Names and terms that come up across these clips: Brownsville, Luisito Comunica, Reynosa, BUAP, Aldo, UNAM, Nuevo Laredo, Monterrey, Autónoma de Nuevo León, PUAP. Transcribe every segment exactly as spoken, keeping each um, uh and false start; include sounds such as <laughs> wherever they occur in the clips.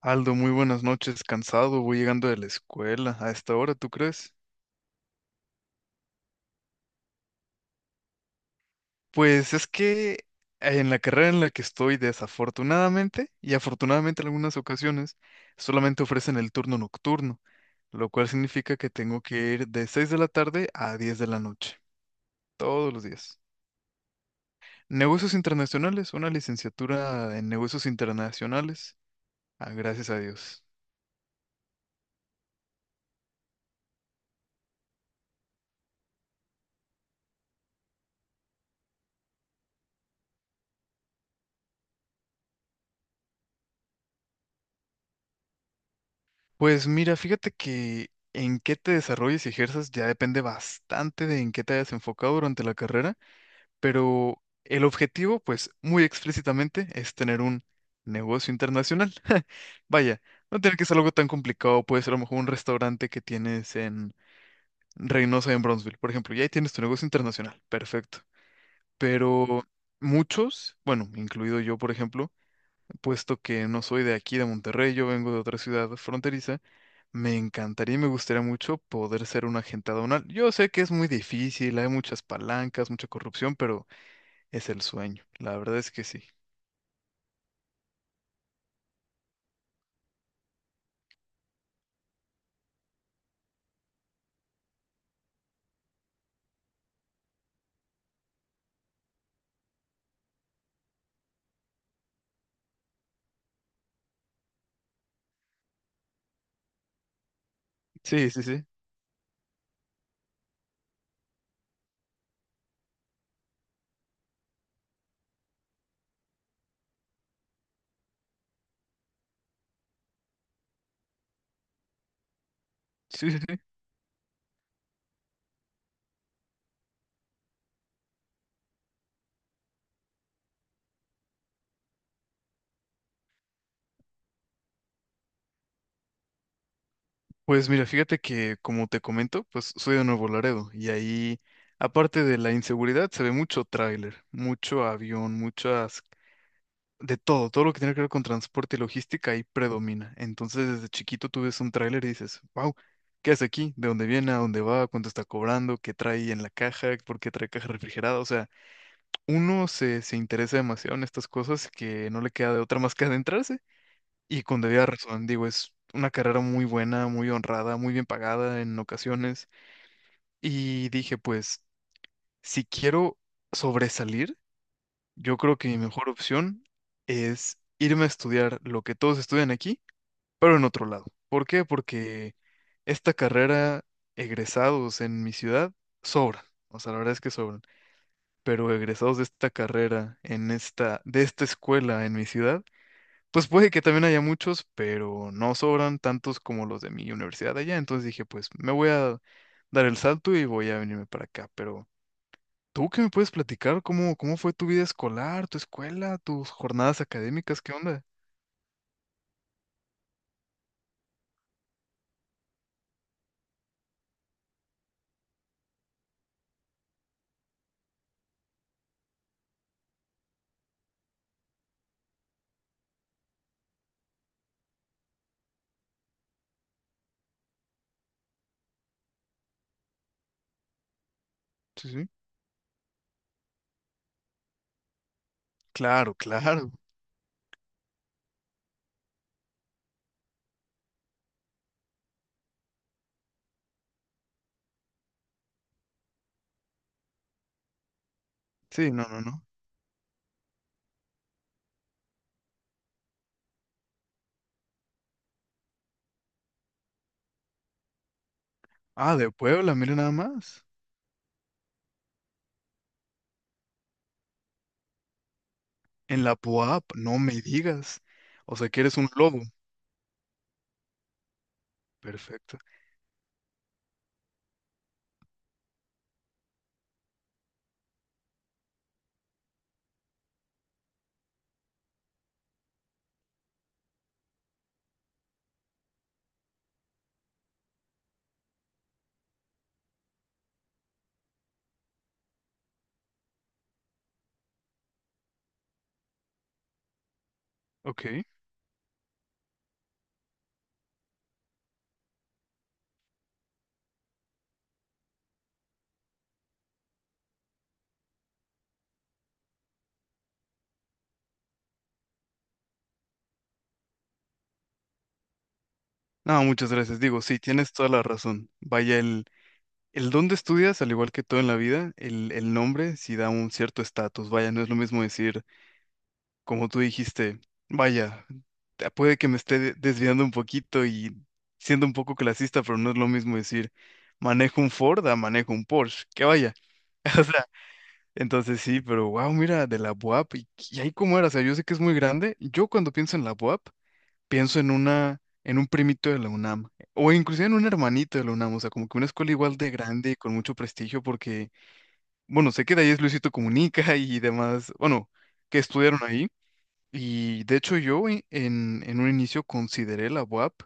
Aldo, muy buenas noches, cansado, voy llegando de la escuela a esta hora, ¿tú crees? Pues es que en la carrera en la que estoy, desafortunadamente y afortunadamente en algunas ocasiones, solamente ofrecen el turno nocturno, lo cual significa que tengo que ir de seis de la tarde a diez de la noche, todos los días. Negocios internacionales, una licenciatura en negocios internacionales, ah, gracias a Dios. Pues mira, fíjate que en qué te desarrolles y ejerzas ya depende bastante de en qué te hayas enfocado durante la carrera, pero el objetivo, pues muy explícitamente, es tener un negocio internacional. <laughs> Vaya, no tiene que ser algo tan complicado, puede ser a lo mejor un restaurante que tienes en Reynosa, en Brownsville, por ejemplo, y ahí tienes tu negocio internacional, perfecto. Pero muchos, bueno, incluido yo, por ejemplo, puesto que no soy de aquí, de Monterrey, yo vengo de otra ciudad fronteriza, me encantaría y me gustaría mucho poder ser un agente aduanal. Yo sé que es muy difícil, hay muchas palancas, mucha corrupción, pero es el sueño. La verdad es que sí. Sí, sí, sí. Sí, sí, sí. Pues mira, fíjate que como te comento, pues soy de Nuevo Laredo y ahí, aparte de la inseguridad, se ve mucho tráiler, mucho avión, muchas de todo, todo lo que tiene que ver con transporte y logística ahí predomina. Entonces, desde chiquito tú ves un tráiler y dices, wow, ¿qué hace aquí? ¿De dónde viene? ¿A dónde va? ¿Cuánto está cobrando? ¿Qué trae en la caja? ¿Por qué trae caja refrigerada? O sea, uno se, se interesa demasiado en estas cosas que no le queda de otra más que adentrarse. Y con debida razón, digo, es una carrera muy buena, muy honrada, muy bien pagada en ocasiones. Y dije, pues, si quiero sobresalir, yo creo que mi mejor opción es irme a estudiar lo que todos estudian aquí, pero en otro lado. ¿Por qué? Porque esta carrera, egresados en mi ciudad, sobran. O sea, la verdad es que sobran. Pero egresados de esta carrera, en esta, de esta escuela en mi ciudad, pues puede que también haya muchos, pero no sobran tantos como los de mi universidad allá. Entonces dije, pues me voy a dar el salto y voy a venirme para acá. Pero ¿tú qué me puedes platicar? ¿Cómo, cómo fue tu vida escolar, tu escuela, tus jornadas académicas? ¿Qué onda? Sí, sí. Claro, claro. Sí, no, no, no. Ah, de Puebla, mire nada más. En la P U A P, no me digas. O sea que eres un lobo. Perfecto. Ok. No, muchas gracias. Digo, sí, tienes toda la razón. Vaya, el, el dónde estudias, al igual que todo en la vida, el, el nombre sí da un cierto estatus. Vaya, no es lo mismo decir como tú dijiste, vaya, te- puede que me esté de- desviando un poquito y siendo un poco clasista, pero no es lo mismo decir manejo un Ford a manejo un Porsche, que vaya. <laughs> O sea, entonces sí, pero wow, mira, de la B U A P, y, y ahí cómo era, o sea, yo sé que es muy grande, yo cuando pienso en la B U A P, pienso en una, en un primito de la UNAM, o inclusive en un hermanito de la UNAM, o sea, como que una escuela igual de grande, con mucho prestigio, porque, bueno, sé que de ahí es Luisito Comunica <laughs> y demás, bueno, que estudiaron ahí, y de hecho yo en, en en un inicio consideré la U A P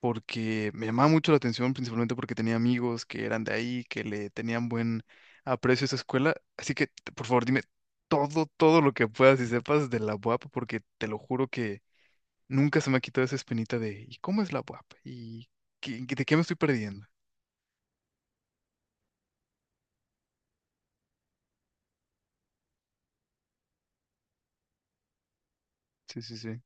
porque me llamaba mucho la atención, principalmente porque tenía amigos que eran de ahí, que le tenían buen aprecio a esa escuela. Así que, t- por favor, dime todo, todo lo que puedas y sepas de la U A P, porque te lo juro que nunca se me ha quitado esa espinita de ¿y cómo es la U A P? ¿Y qué- de qué me estoy perdiendo? Sí, sí, sí.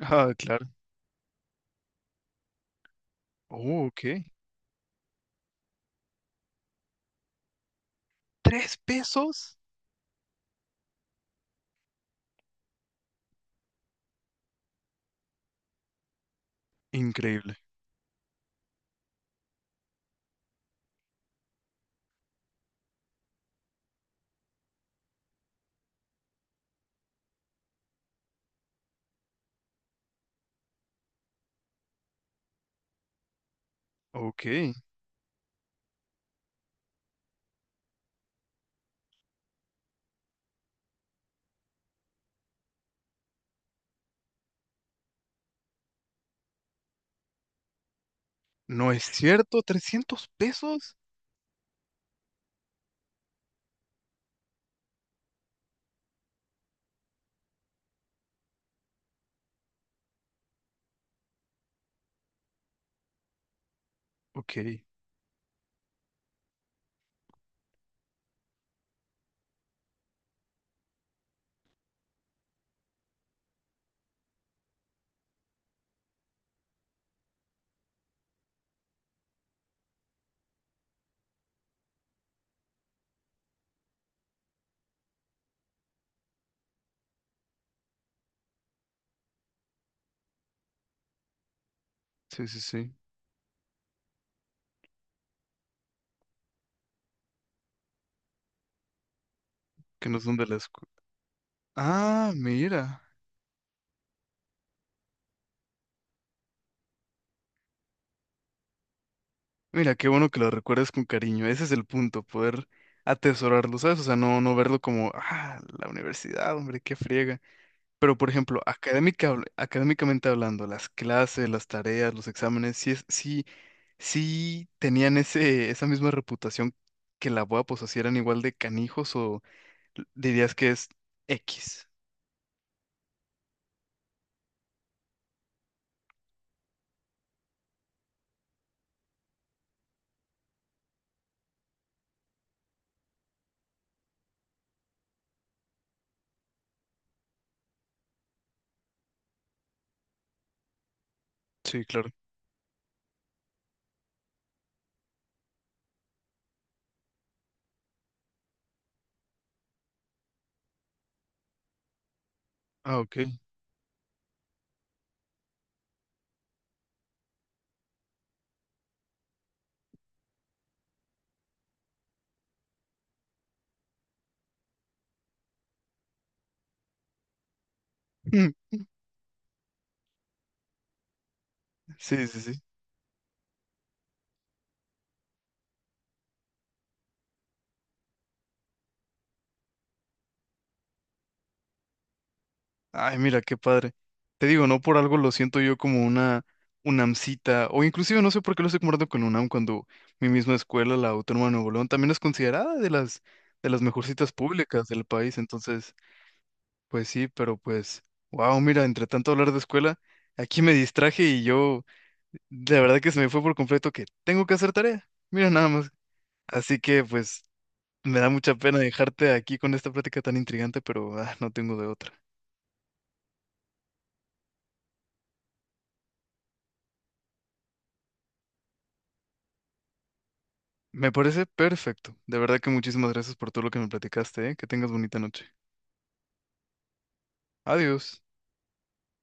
Ah, claro. Oh, ok. ¿Tres pesos? Increíble. Ok. No es cierto, trescientos pesos. Ok. Sí, sí, sí. Que no son de la escu- Ah, mira. Mira, qué bueno que lo recuerdes con cariño. Ese es el punto, poder atesorarlo, ¿sabes? O sea, no, no verlo como, ah, la universidad, hombre, qué friega. Pero, por ejemplo, académica, habl- académicamente hablando, las clases, las tareas, los exámenes, sí, es, sí, sí tenían ese, esa misma reputación que la B U A, pues, o sea, si eran igual de canijos o dirías que es X. Sí, claro. Ah, ok. <laughs> Sí, sí, sí. Ay, mira, qué padre. Te digo, no por algo lo siento yo como una UNAMcita, o inclusive no sé por qué lo estoy comparando con UNAM cuando mi misma escuela, la Autónoma de Nuevo León, también es considerada de las de las mejorcitas públicas del país. Entonces, pues sí, pero pues, wow, mira, entre tanto hablar de escuela, aquí me distraje y yo, la verdad que se me fue por completo que tengo que hacer tarea. Mira nada más. Así que pues me da mucha pena dejarte aquí con esta plática tan intrigante, pero ah, no tengo de otra. Me parece perfecto. De verdad que muchísimas gracias por todo lo que me platicaste, ¿eh? Que tengas bonita noche. Adiós.